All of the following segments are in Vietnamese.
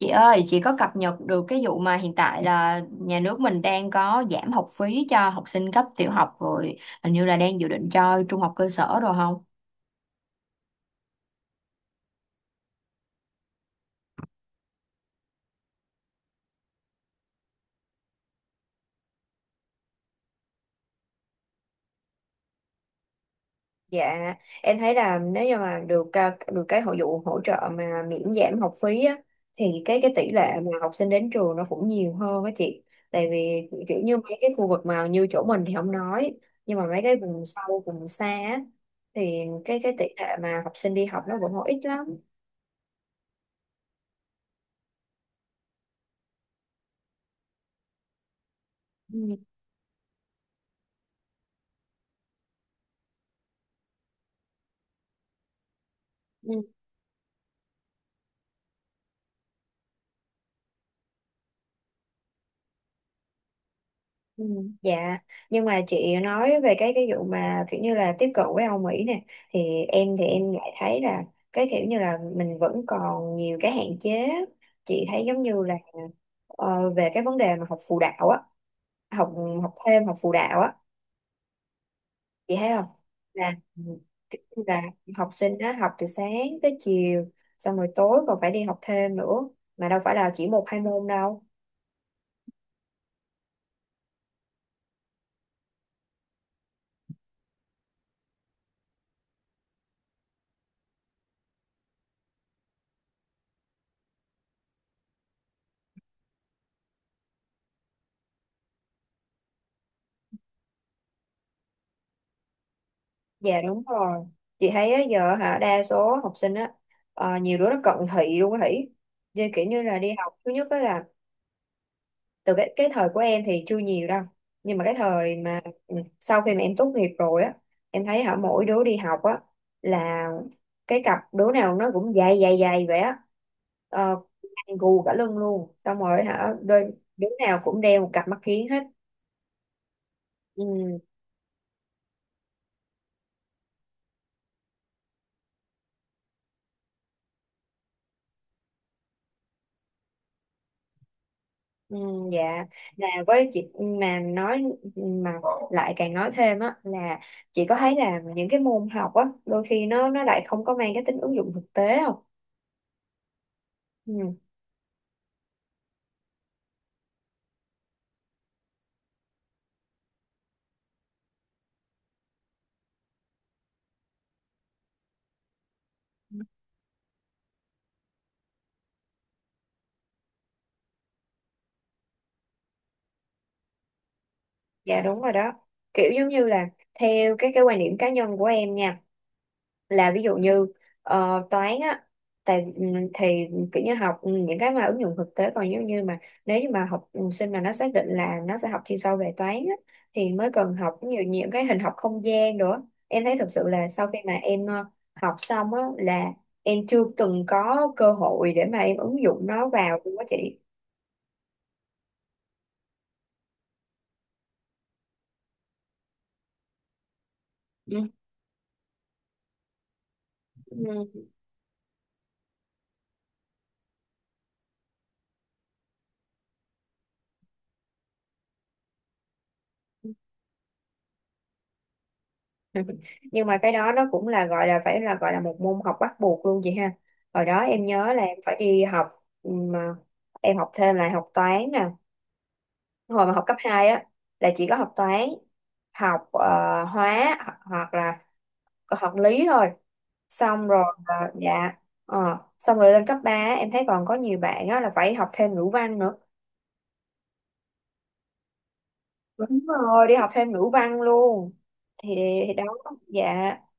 Chị ơi, chị có cập nhật được cái vụ mà hiện tại là nhà nước mình đang có giảm học phí cho học sinh cấp tiểu học rồi, hình như là đang dự định cho trung học cơ sở rồi không? Dạ, em thấy là nếu như mà được cái hội vụ hỗ trợ mà miễn giảm học phí á, thì cái tỷ lệ mà học sinh đến trường nó cũng nhiều hơn á chị. Tại vì kiểu như mấy cái khu vực mà như chỗ mình thì không nói, nhưng mà mấy cái vùng sâu, vùng xa á, thì cái tỷ lệ mà học sinh đi học nó vẫn còn ít lắm. Ừ. Ừ, dạ, nhưng mà chị nói về cái vụ mà kiểu như là tiếp cận với Âu Mỹ nè, thì em lại thấy là cái kiểu như là mình vẫn còn nhiều cái hạn chế. Chị thấy giống như là về cái vấn đề mà học phụ đạo á, học học thêm học phụ đạo á, chị thấy không, là ừ, là học sinh đó học từ sáng tới chiều, xong rồi tối còn phải đi học thêm nữa, mà đâu phải là chỉ một hai môn đâu. Dạ đúng rồi. Chị thấy á, giờ hả đa số học sinh á, nhiều đứa nó cận thị luôn á Hỷ. Như kiểu như là đi học, thứ nhất đó là từ cái thời của em thì chưa nhiều đâu. Nhưng mà cái thời mà sau khi mà em tốt nghiệp rồi á, em thấy hả mỗi đứa đi học á là cái cặp đứa nào nó cũng dày dày dày vậy á. Ờ, gù cả lưng luôn. Xong rồi hả đôi đứa nào cũng đeo một cặp mắt kiếng hết. Ừ. Ừ, dạ, là với chị mà nói, mà lại càng nói thêm á, là chị có thấy là những cái môn học á đôi khi nó lại không có mang cái tính ứng dụng thực tế không? Ừ, dạ đúng rồi đó, kiểu giống như là theo cái quan điểm cá nhân của em nha, là ví dụ như toán á, tại ừ, thì kiểu như học những cái mà ứng dụng thực tế. Còn giống như mà nếu như mà học sinh mà nó xác định là nó sẽ học chuyên sâu về toán á, thì mới cần học nhiều nhiều cái hình học không gian nữa. Em thấy thực sự là sau khi mà em học xong á, là em chưa từng có cơ hội để mà em ứng dụng nó vào luôn á chị. Ừ. Ừ. Nhưng mà cái đó nó cũng là gọi là, phải là một môn học bắt buộc luôn vậy ha. Hồi đó em nhớ là em phải đi học, mà em học thêm lại học toán nè, hồi mà học cấp 2 á, là chỉ có học toán, học hóa, hoặc là học lý thôi. Xong rồi dạ, xong rồi lên cấp ba, em thấy còn có nhiều bạn á là phải học thêm ngữ văn nữa. Đúng rồi, đi học thêm ngữ văn luôn. Thì thì đó, dạ.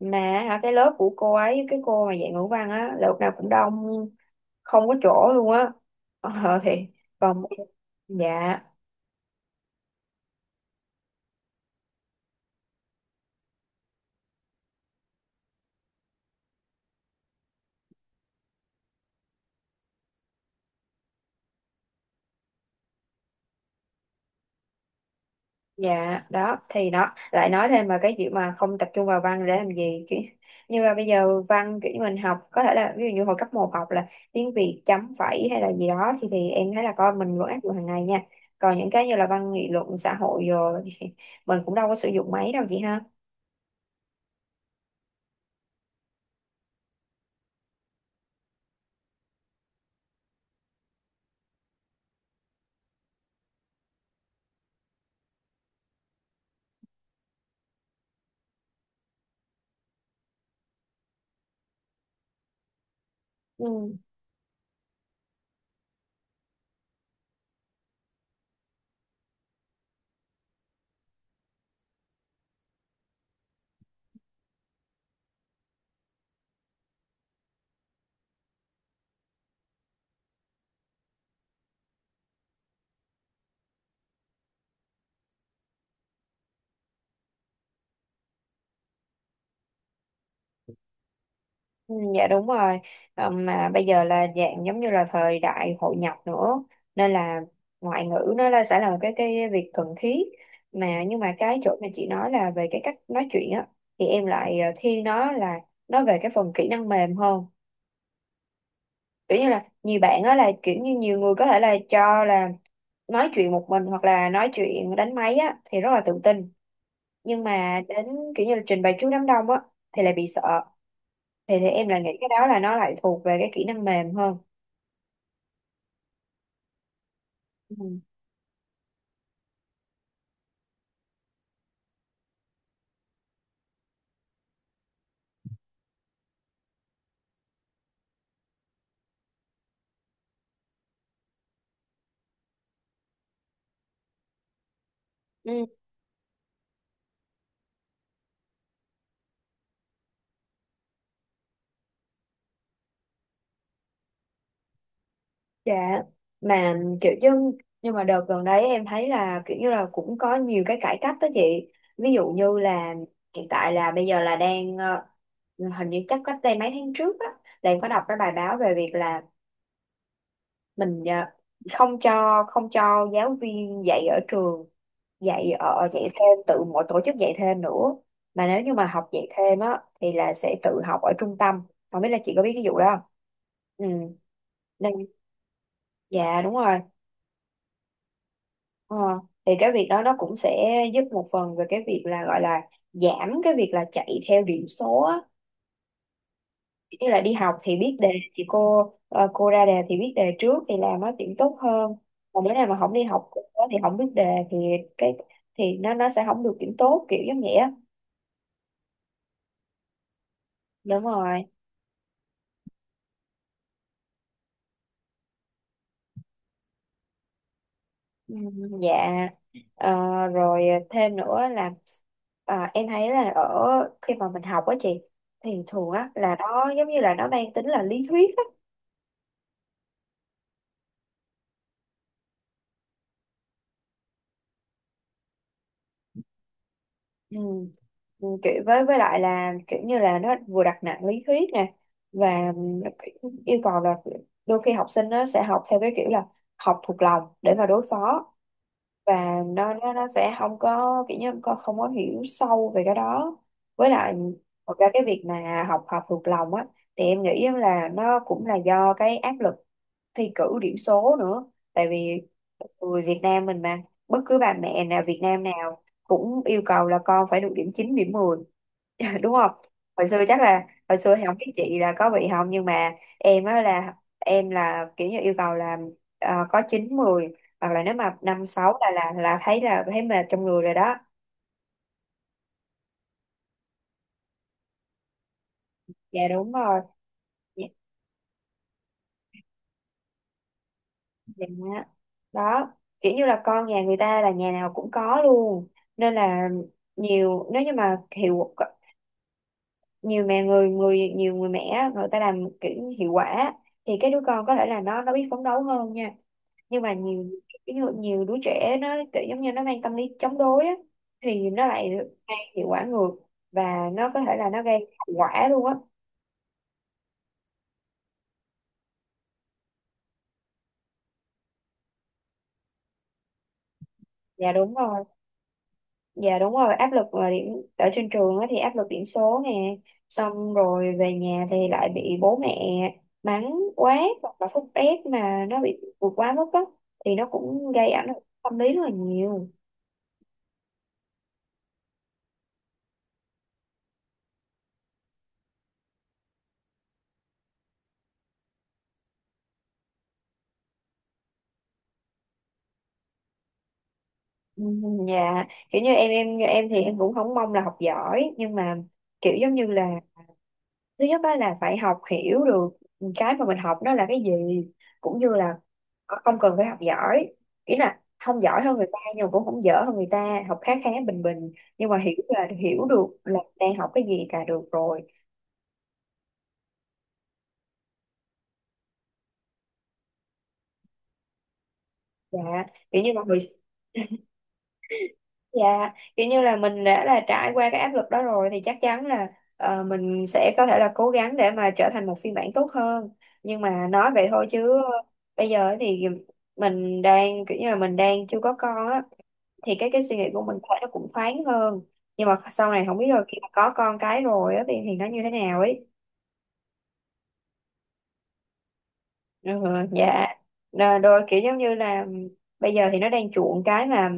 Mà hả, cái lớp của cô ấy, cái cô mà dạy ngữ văn á, lớp nào cũng đông, không có chỗ luôn á. Ờ, thì còn dạ. Dạ, đó thì nó lại nói thêm mà cái chuyện mà không tập trung vào văn để làm gì, kiểu như là bây giờ văn, kiểu như mình học có thể là ví dụ như hồi cấp một học là tiếng Việt, chấm phẩy hay là gì đó, thì em thấy là con mình vẫn áp dụng hàng ngày nha. Còn những cái như là văn nghị luận xã hội rồi thì mình cũng đâu có sử dụng máy đâu chị ha. Ừ. Ừ, dạ đúng rồi. Mà bây giờ là dạng giống như là thời đại hội nhập nữa, nên là ngoại ngữ nó là sẽ là một cái việc cần thiết. Mà nhưng mà cái chỗ mà chị nói là về cái cách nói chuyện á, thì em lại thiên nó về cái phần kỹ năng mềm hơn. Kiểu như là nhiều bạn á, là kiểu như nhiều người có thể là cho là nói chuyện một mình hoặc là nói chuyện đánh máy á thì rất là tự tin, nhưng mà đến kiểu như là trình bày trước đám đông á thì lại bị sợ. Thì em lại nghĩ cái đó là nó lại thuộc về cái kỹ năng mềm hơn. Ừ. Ừ, dạ. Mà kiểu như, nhưng mà đợt gần đấy em thấy là kiểu như là cũng có nhiều cái cải cách đó chị. Ví dụ như là hiện tại là bây giờ là đang hình như chắc cách đây mấy tháng trước á, là em có đọc cái bài báo về việc là mình không cho giáo viên dạy ở trường, dạy thêm, tự mỗi tổ chức dạy thêm nữa. Mà nếu như mà học dạy thêm á thì là sẽ tự học ở trung tâm, không biết là chị có biết cái vụ đó không. Ừ, nên, dạ đúng rồi. ờ. Thì cái việc đó nó cũng sẽ giúp một phần về cái việc là, gọi là giảm cái việc là chạy theo điểm số á. Như là đi học thì biết đề, thì cô ra đề thì biết đề trước thì làm nó điểm tốt hơn. Còn nếu nào mà không đi học thì không biết đề, thì cái thì nó sẽ không được điểm tốt, kiểu giống vậy á. Đúng rồi. Ừ, dạ. Ờ, Rồi, thêm nữa là à, em thấy là ở khi mà mình học á chị, thì thường á là nó giống như là nó mang tính là lý thuyết á. Ừ. Ừ, kiểu với lại là kiểu như là nó vừa đặt nặng lý thuyết nè, và nó yêu cầu là đôi khi học sinh nó sẽ học theo cái kiểu là học thuộc lòng để mà đối phó, và nó sẽ không có kiểu như con không có hiểu sâu về cái đó. Với lại thật ra cái việc mà học học thuộc lòng á, thì em nghĩ á là nó cũng là do cái áp lực thi cử điểm số nữa. Tại vì người Việt Nam mình mà, bất cứ bà mẹ nào Việt Nam nào cũng yêu cầu là con phải được điểm 9 điểm 10, đúng không? Hồi xưa thì không biết chị là có bị không, nhưng mà em á là em là kiểu như yêu cầu là có 9, 10, hoặc là nếu mà 5, 6 là thấy là thấy mệt trong người rồi đó. Dạ đúng rồi. Dạ, dạ. Đó, kiểu như là con nhà người ta là nhà nào cũng có luôn, nên là nhiều, nếu như mà hiệu nhiều người mẹ người ta làm kiểu như hiệu quả thì cái đứa con có thể là nó biết phấn đấu hơn nha. Nhưng mà nhiều, ví dụ nhiều đứa trẻ nó kiểu giống như nó mang tâm lý chống đối á, thì nó lại gây hiệu quả ngược, và nó có thể là nó gây hậu quả luôn á. Dạ đúng rồi. Dạ đúng rồi, áp lực mà điểm ở trên trường á thì áp lực điểm số nè, xong rồi về nhà thì lại bị bố mẹ mắng quá, hoặc là thúc ép mà nó bị vượt quá mức á, thì nó cũng gây ảnh hưởng tâm lý rất là nhiều. Ừ, dạ. Kiểu như em, như em thì em cũng không mong là học giỏi, nhưng mà kiểu giống như là, thứ nhất đó là phải học hiểu được cái mà mình học đó là cái gì. Cũng như là không cần phải học giỏi, ý là không giỏi hơn người ta, nhưng mà cũng không dở hơn người ta, học khá khá bình bình, nhưng mà hiểu là hiểu được là đang học cái gì là được rồi. Dạ, kiểu như mọi người dạ, kiểu như là mình đã là trải qua cái áp lực đó rồi thì chắc chắn là mình sẽ có thể là cố gắng để mà trở thành một phiên bản tốt hơn. Nhưng mà nói vậy thôi chứ bây giờ thì mình đang kiểu như là mình đang chưa có con á, thì cái suy nghĩ của mình có thể nó cũng thoáng hơn. Nhưng mà sau này không biết rồi khi mà có con cái rồi á thì nó như thế nào ấy. Ừ, dạ. Rồi, rồi, kiểu giống như là bây giờ thì nó đang chuộng cái mà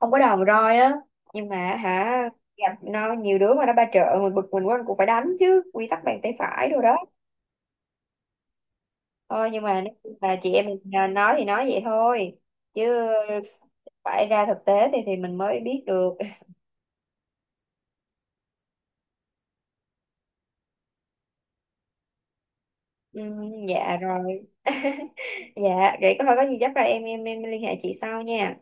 không có đòn roi á, nhưng mà hả, gặp nó nhiều đứa mà nó ba trợ, mình bực mình quá mình cũng phải đánh chứ, quy tắc bàn tay phải rồi đó. Thôi nhưng mà nếu như mà chị em mình à, nói thì nói vậy thôi chứ phải ra thực tế thì mình mới biết được. Dạ rồi. Dạ vậy có thôi, có gì chắc là em liên hệ chị sau nha.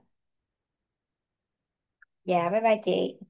Dạ bye bye chị.